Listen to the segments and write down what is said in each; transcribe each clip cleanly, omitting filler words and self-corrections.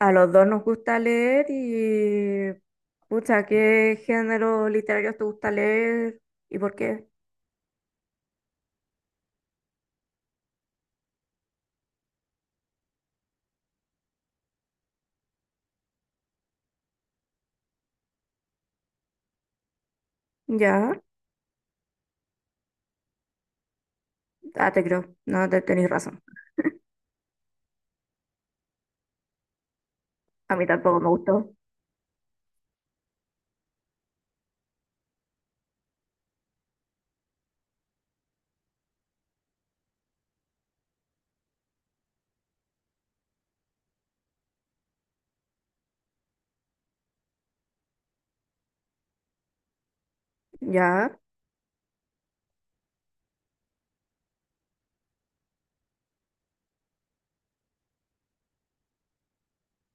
A los dos nos gusta leer y... Pucha, ¿qué género literario te gusta leer y por qué? Ya, ah, te creo, no, te tenéis razón. A mí tampoco me gustó. Ya,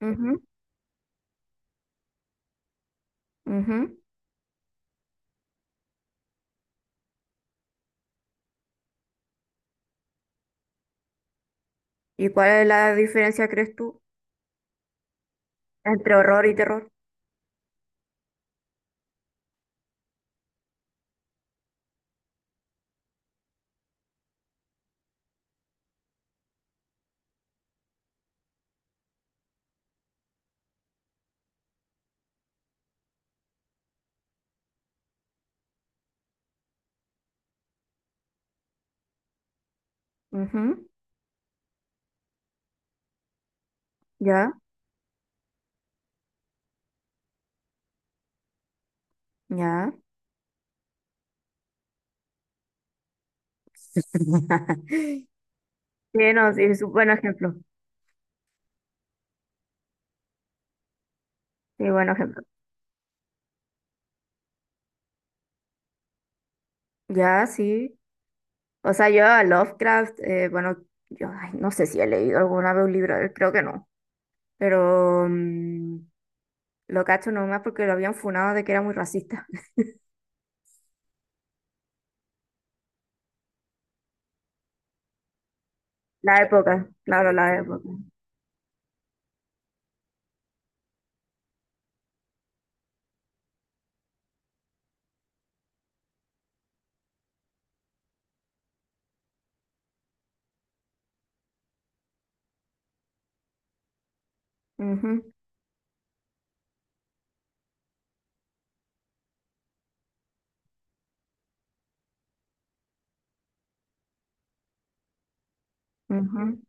mhm, mhm. ¿Y cuál es la diferencia, crees tú, entre horror y terror? Mhm, ya, ya. Sí, no, sí, es un buen ejemplo. Sí, buen ejemplo. Ya, sí. O sea, yo a Lovecraft, bueno, yo ay, no sé si he leído alguna vez un libro, de él, creo que no. Pero lo cacho nomás porque lo habían funado de que era muy racista. La época, claro, la época. Ujú, ujú,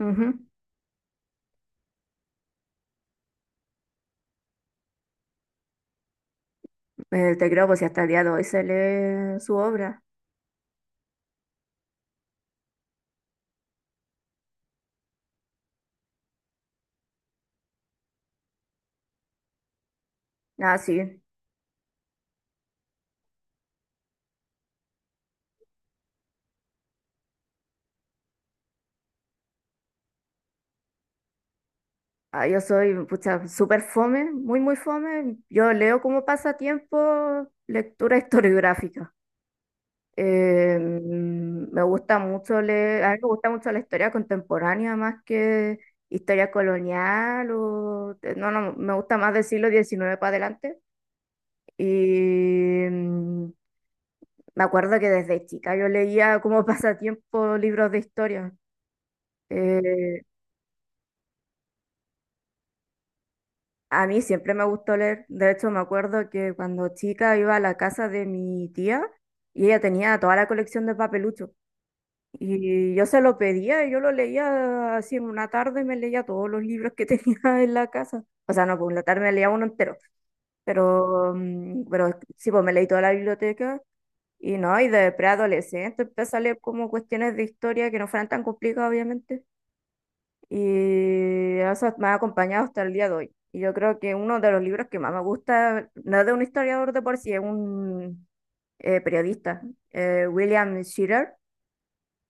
ujú. Te creo, pues si hasta el día de hoy se lee su obra. Ah, sí. Ah, yo soy, pucha, súper fome, muy, muy fome. Yo leo como pasatiempo lectura historiográfica. Me gusta mucho leer, a mí me gusta mucho la historia contemporánea más que historia colonial o no, no, me gusta más del siglo XIX para adelante. Y me acuerdo que desde chica yo leía como pasatiempo libros de historia. Eh, a mí siempre me gustó leer. De hecho, me acuerdo que cuando chica iba a la casa de mi tía y ella tenía toda la colección de papeluchos. Y yo se lo pedía, y yo lo leía así en una tarde, me leía todos los libros que tenía en la casa. O sea, no, pues en la tarde me leía uno entero, pero, pero sí, pues me leí toda la biblioteca y no, y de preadolescente empecé a leer como cuestiones de historia que no fueran tan complicadas, obviamente. Y eso me ha acompañado hasta el día de hoy. Y yo creo que uno de los libros que más me gusta, no es de un historiador de por sí, es un periodista, William Shirer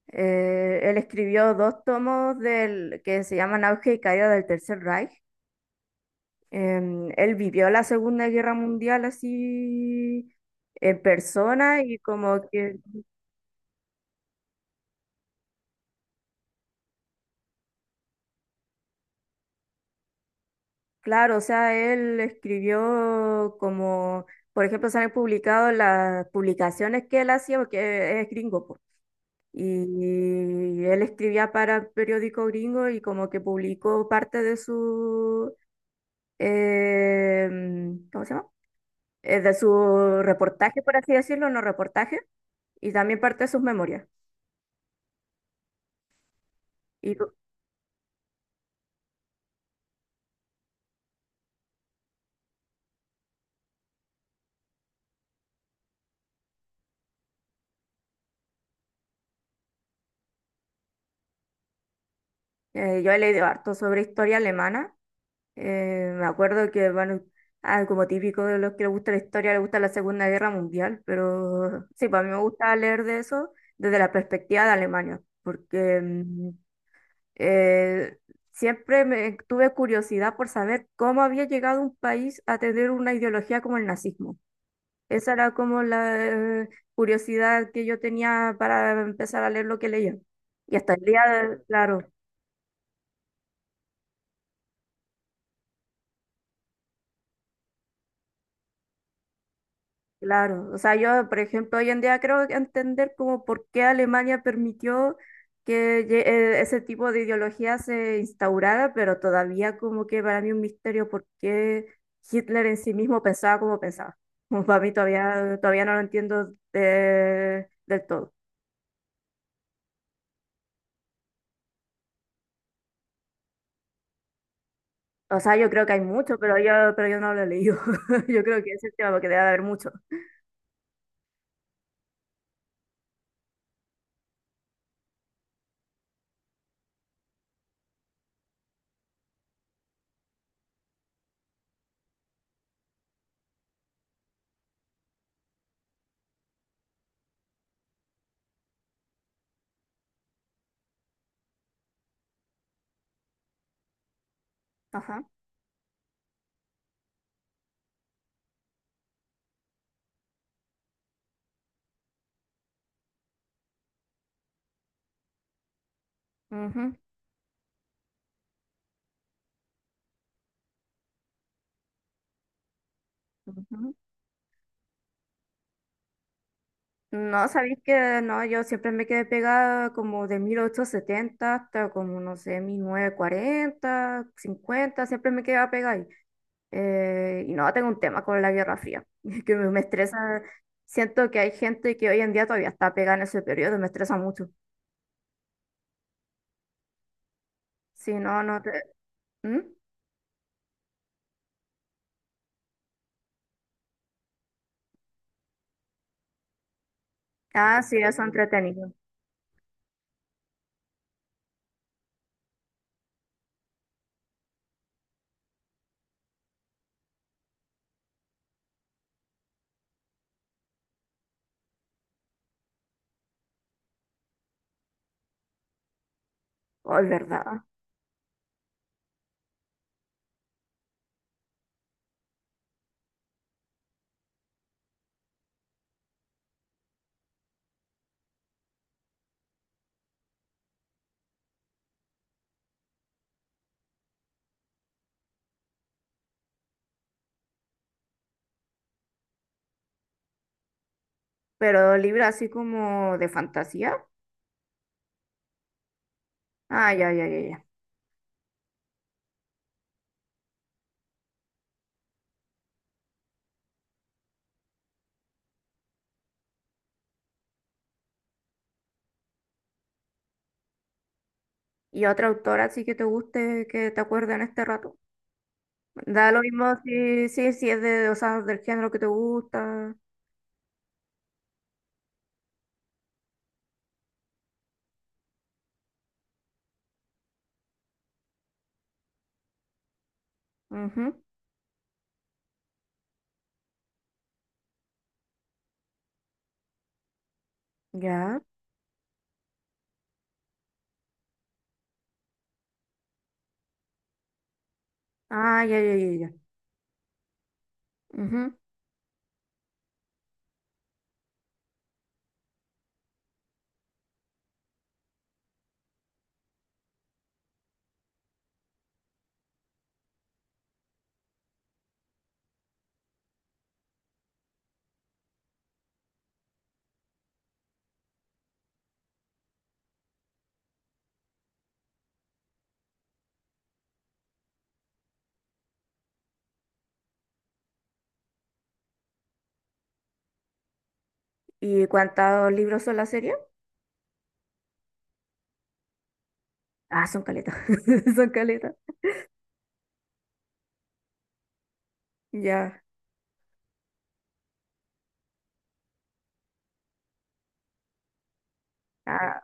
él escribió dos tomos del, que se llaman Auge y Caída del Tercer Reich. Él vivió la Segunda Guerra Mundial así en persona y como que, claro, o sea, él escribió como, por ejemplo, se han publicado las publicaciones que él hacía, porque es gringo, po. Y él escribía para el periódico gringo y como que publicó parte de su, ¿cómo se llama? De su reportaje, por así decirlo, no reportaje, y también parte de sus memorias. Y yo he leído harto sobre historia alemana. Me acuerdo que, bueno, ah, como típico de los que les gusta la historia, les gusta la Segunda Guerra Mundial, pero sí, para mí me gusta leer de eso desde la perspectiva de Alemania, porque eh, siempre me, tuve curiosidad por saber cómo había llegado un país a tener una ideología como el nazismo. Esa era como la eh, curiosidad que yo tenía para empezar a leer lo que leía. Y hasta el día claro, claro. O sea, yo, por ejemplo, hoy en día creo que entender como por qué Alemania permitió que ese tipo de ideología se instaurara, pero todavía como que para mí un misterio por qué Hitler en sí mismo pensaba. Como para mí todavía no lo entiendo del todo. O sea, yo creo que hay mucho, pero yo no lo he leído. Yo creo que ese es el tema, porque debe haber mucho. Ajá. Ujú, ujú. No, sabéis que no, yo siempre me quedé pegada como de 1870 hasta como, no sé, 1940 1950 siempre me quedaba pegada ahí. Y no, tengo un tema con la Guerra Fría, que me estresa. Siento que hay gente que hoy en día todavía está pegada en ese periodo, me estresa mucho. Si no, no te... ¿Mm? Ah, sí, eso entretenido. Oh, es verdad. Pero libro así como de fantasía. Ah, ya, ya, ya, ya. ¿Y otra autora así que te guste, que te acuerde en este rato? Da lo mismo si es de, o sea, del género que te gusta. Ujú, ya. Ah, ya, ya, ya, ya. Ujú. ¿Y cuántos libros son la serie? Ah, son caletas. Son caletas. Ya. Ah.